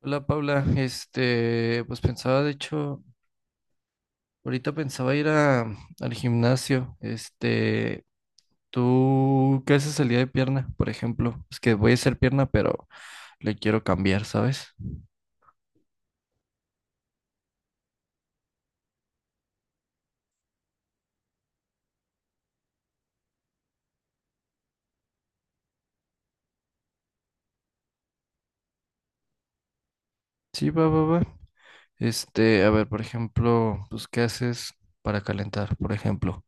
Hola Paula, pues pensaba, de hecho, ahorita pensaba al gimnasio. ¿Tú qué haces el día de pierna, por ejemplo? Es que voy a hacer pierna, pero le quiero cambiar, ¿sabes? Sí, va, va, va. A ver, por ejemplo, pues, ¿qué haces para calentar, por ejemplo?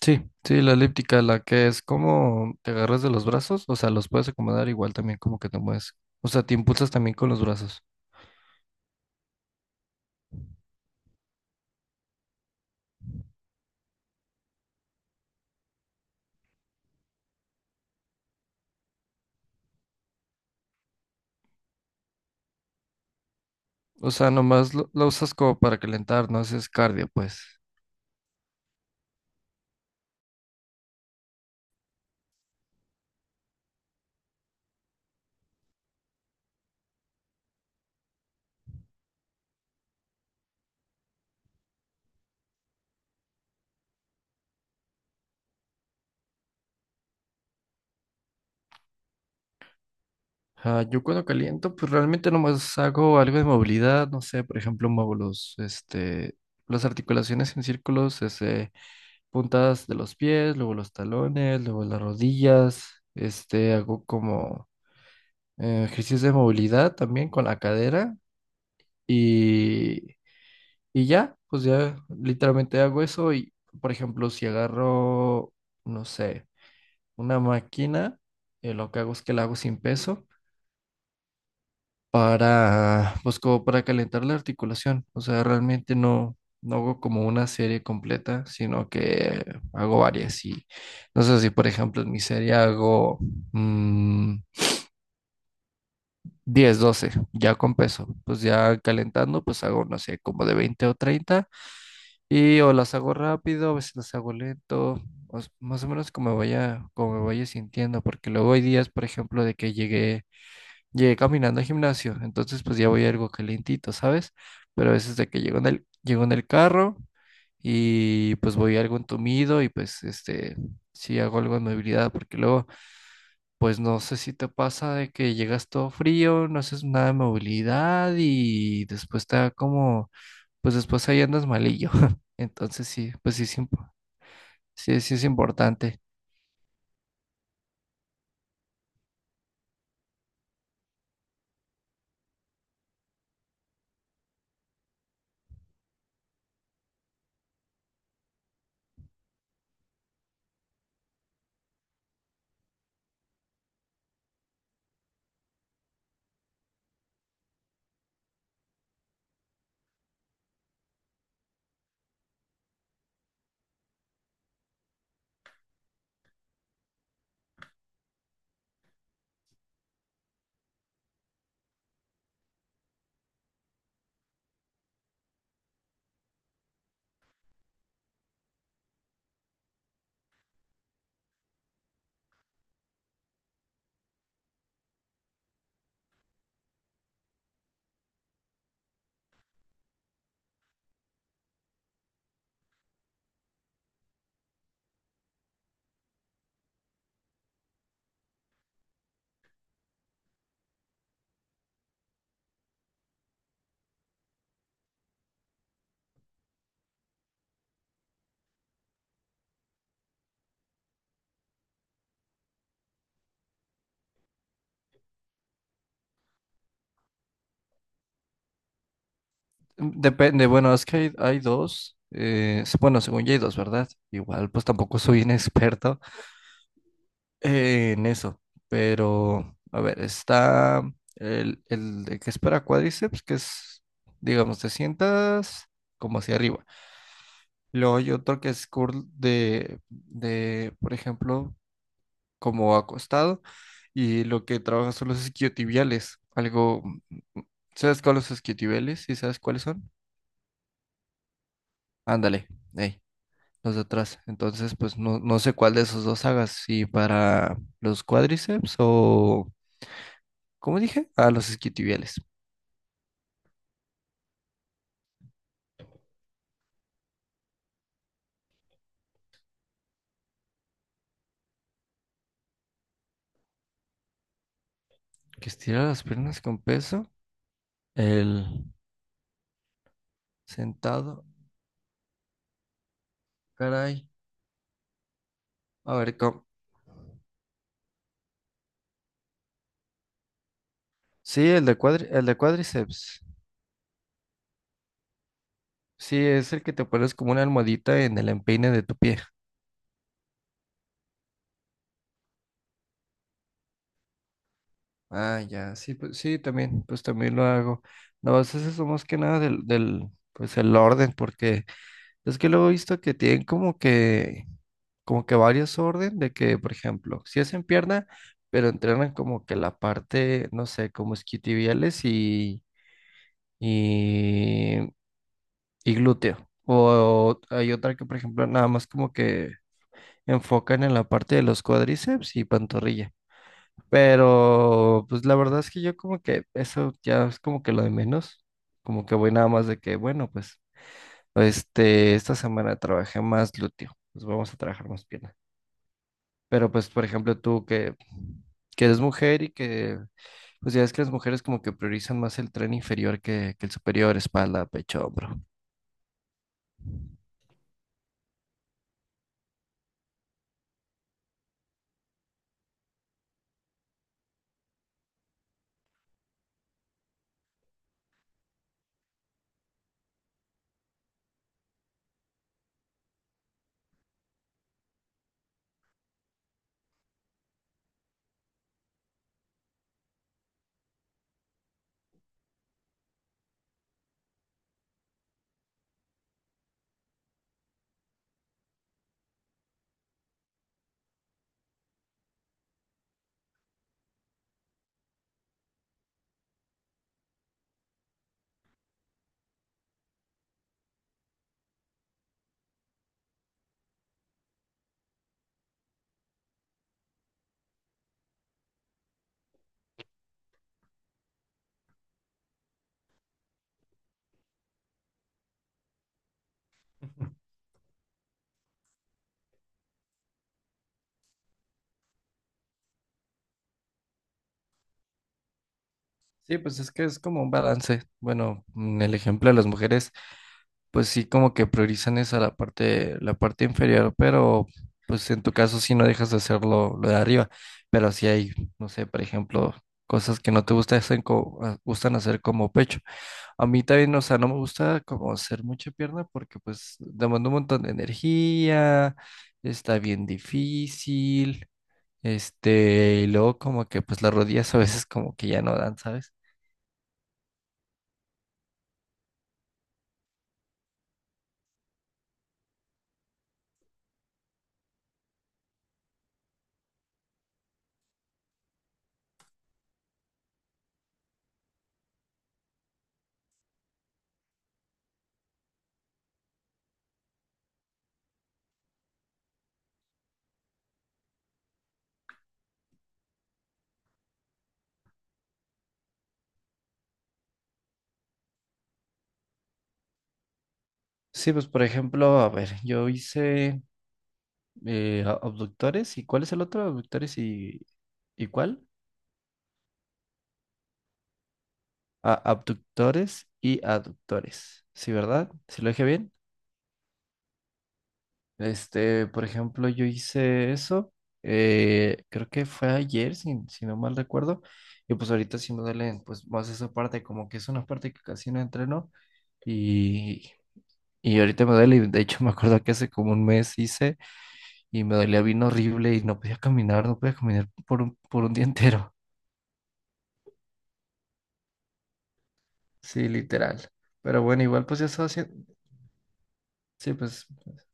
Sí, sí, la elíptica, la que es como te agarras de los brazos, o sea, los puedes acomodar igual también como que te mueves. O sea, te impulsas también con los brazos. O sea, la usas como para calentar, no haces cardio, pues. Ah, yo cuando caliento, pues realmente nomás hago algo de movilidad, no sé, por ejemplo, muevo las articulaciones en círculos, puntas de los pies, luego los talones, luego las rodillas, hago como ejercicios de movilidad también con la cadera. Y Y ya, pues ya literalmente hago eso y, por ejemplo, si agarro, no sé, una máquina, lo que hago es que la hago sin peso para, pues como para calentar la articulación. O sea, realmente no hago como una serie completa, sino que hago varias. Y no sé si, por ejemplo, en mi serie hago mm, 10, 12, ya con peso. Pues ya calentando, pues hago, no sé, como de 20 o 30. Y o las hago rápido, a veces las hago lento, más o menos como me vaya sintiendo, porque luego hay días, por ejemplo, llegué caminando al gimnasio, entonces pues ya voy algo calientito, ¿sabes? Pero a veces de que llego en el carro y pues voy algo entumido y pues sí hago algo de movilidad, porque luego pues no sé si te pasa de que llegas todo frío, no haces nada de movilidad y después te da como pues después ahí andas malillo. Entonces sí, pues sí, sí, sí es importante. Depende, bueno, es que hay dos. Bueno, según yo hay dos, ¿verdad? Igual, pues tampoco soy inexperto en eso. Pero, a ver, está el de que es para cuádriceps, que es, digamos, te sientas como hacia arriba. Luego hay otro que es curl de, por ejemplo, como acostado y lo que trabaja son los isquiotibiales. Algo, ¿sabes cuáles son los isquiotibiales? ¿Y sabes cuáles son? Ándale, ey, los de atrás. Entonces, pues no sé cuál de esos dos hagas, si para los cuádriceps o, ¿cómo dije? Ah, los isquiotibiales. Que estira las piernas con peso. El sentado, caray. A ver, ¿cómo? Sí, el de cuádriceps. Sí, es el que te pones como una almohadita en el empeine de tu pie. Ah, ya, sí, pues sí, también, pues también lo hago. No, pues eso es más que nada del pues el orden, porque es que luego he visto que tienen como que varios orden de que, por ejemplo, si hacen pierna, pero entrenan como que la parte, no sé, como isquiotibiales y, y glúteo. O hay otra que, por ejemplo, nada más como que enfocan en la parte de los cuádriceps y pantorrilla. Pero pues la verdad es que yo como que eso ya es como que lo de menos, como que voy nada más de que, bueno, pues esta semana trabajé más glúteo, pues vamos a trabajar más pierna. Pero pues, por ejemplo, que eres mujer y que, pues ya es que las mujeres como que priorizan más el tren inferior que el superior, espalda, pecho, hombro. Sí, pues es que es como un balance. Bueno, en el ejemplo de las mujeres pues sí como que priorizan esa la parte inferior, pero pues en tu caso sí no dejas de hacerlo lo de arriba, pero sí hay, no sé, por ejemplo, cosas que no te gustan hacer como pecho. A mí también, o sea, no me gusta como hacer mucha pierna porque pues demanda un montón de energía, está bien difícil, y luego como que pues las rodillas a veces como que ya no dan, ¿sabes? Sí, pues por ejemplo, a ver, yo hice abductores y ¿cuál es el otro? Abductores ¿y cuál? Ah, abductores y aductores. Sí, ¿verdad? ¿Sí lo dije bien? Por ejemplo, yo hice eso. Creo que fue ayer, si no mal recuerdo. Y pues ahorita sí me duele pues más esa parte, como que es una parte que casi no entreno. Y, y ahorita me duele. Y de hecho me acuerdo que hace como un mes hice y me dolía bien horrible y no podía caminar, no podía caminar por un día entero. Sí, literal. Pero bueno, igual pues ya estaba haciendo. Sí, pues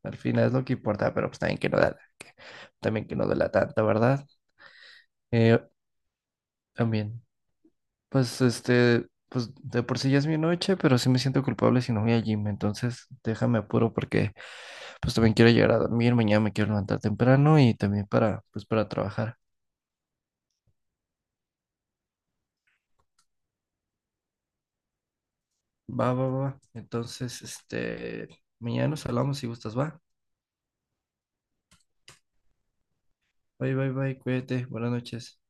al final es lo que importa, pero pues también que no da, que- también que no duela tanto, ¿verdad? Eh, también. Pues pues de por sí ya es mi noche, pero sí me siento culpable si no voy al gym. Entonces déjame apuro porque pues también quiero llegar a dormir. Mañana me quiero levantar temprano y también pues para trabajar. Va, va, va. Entonces, mañana nos hablamos si gustas, va. Bye, bye, bye. Cuídate. Buenas noches.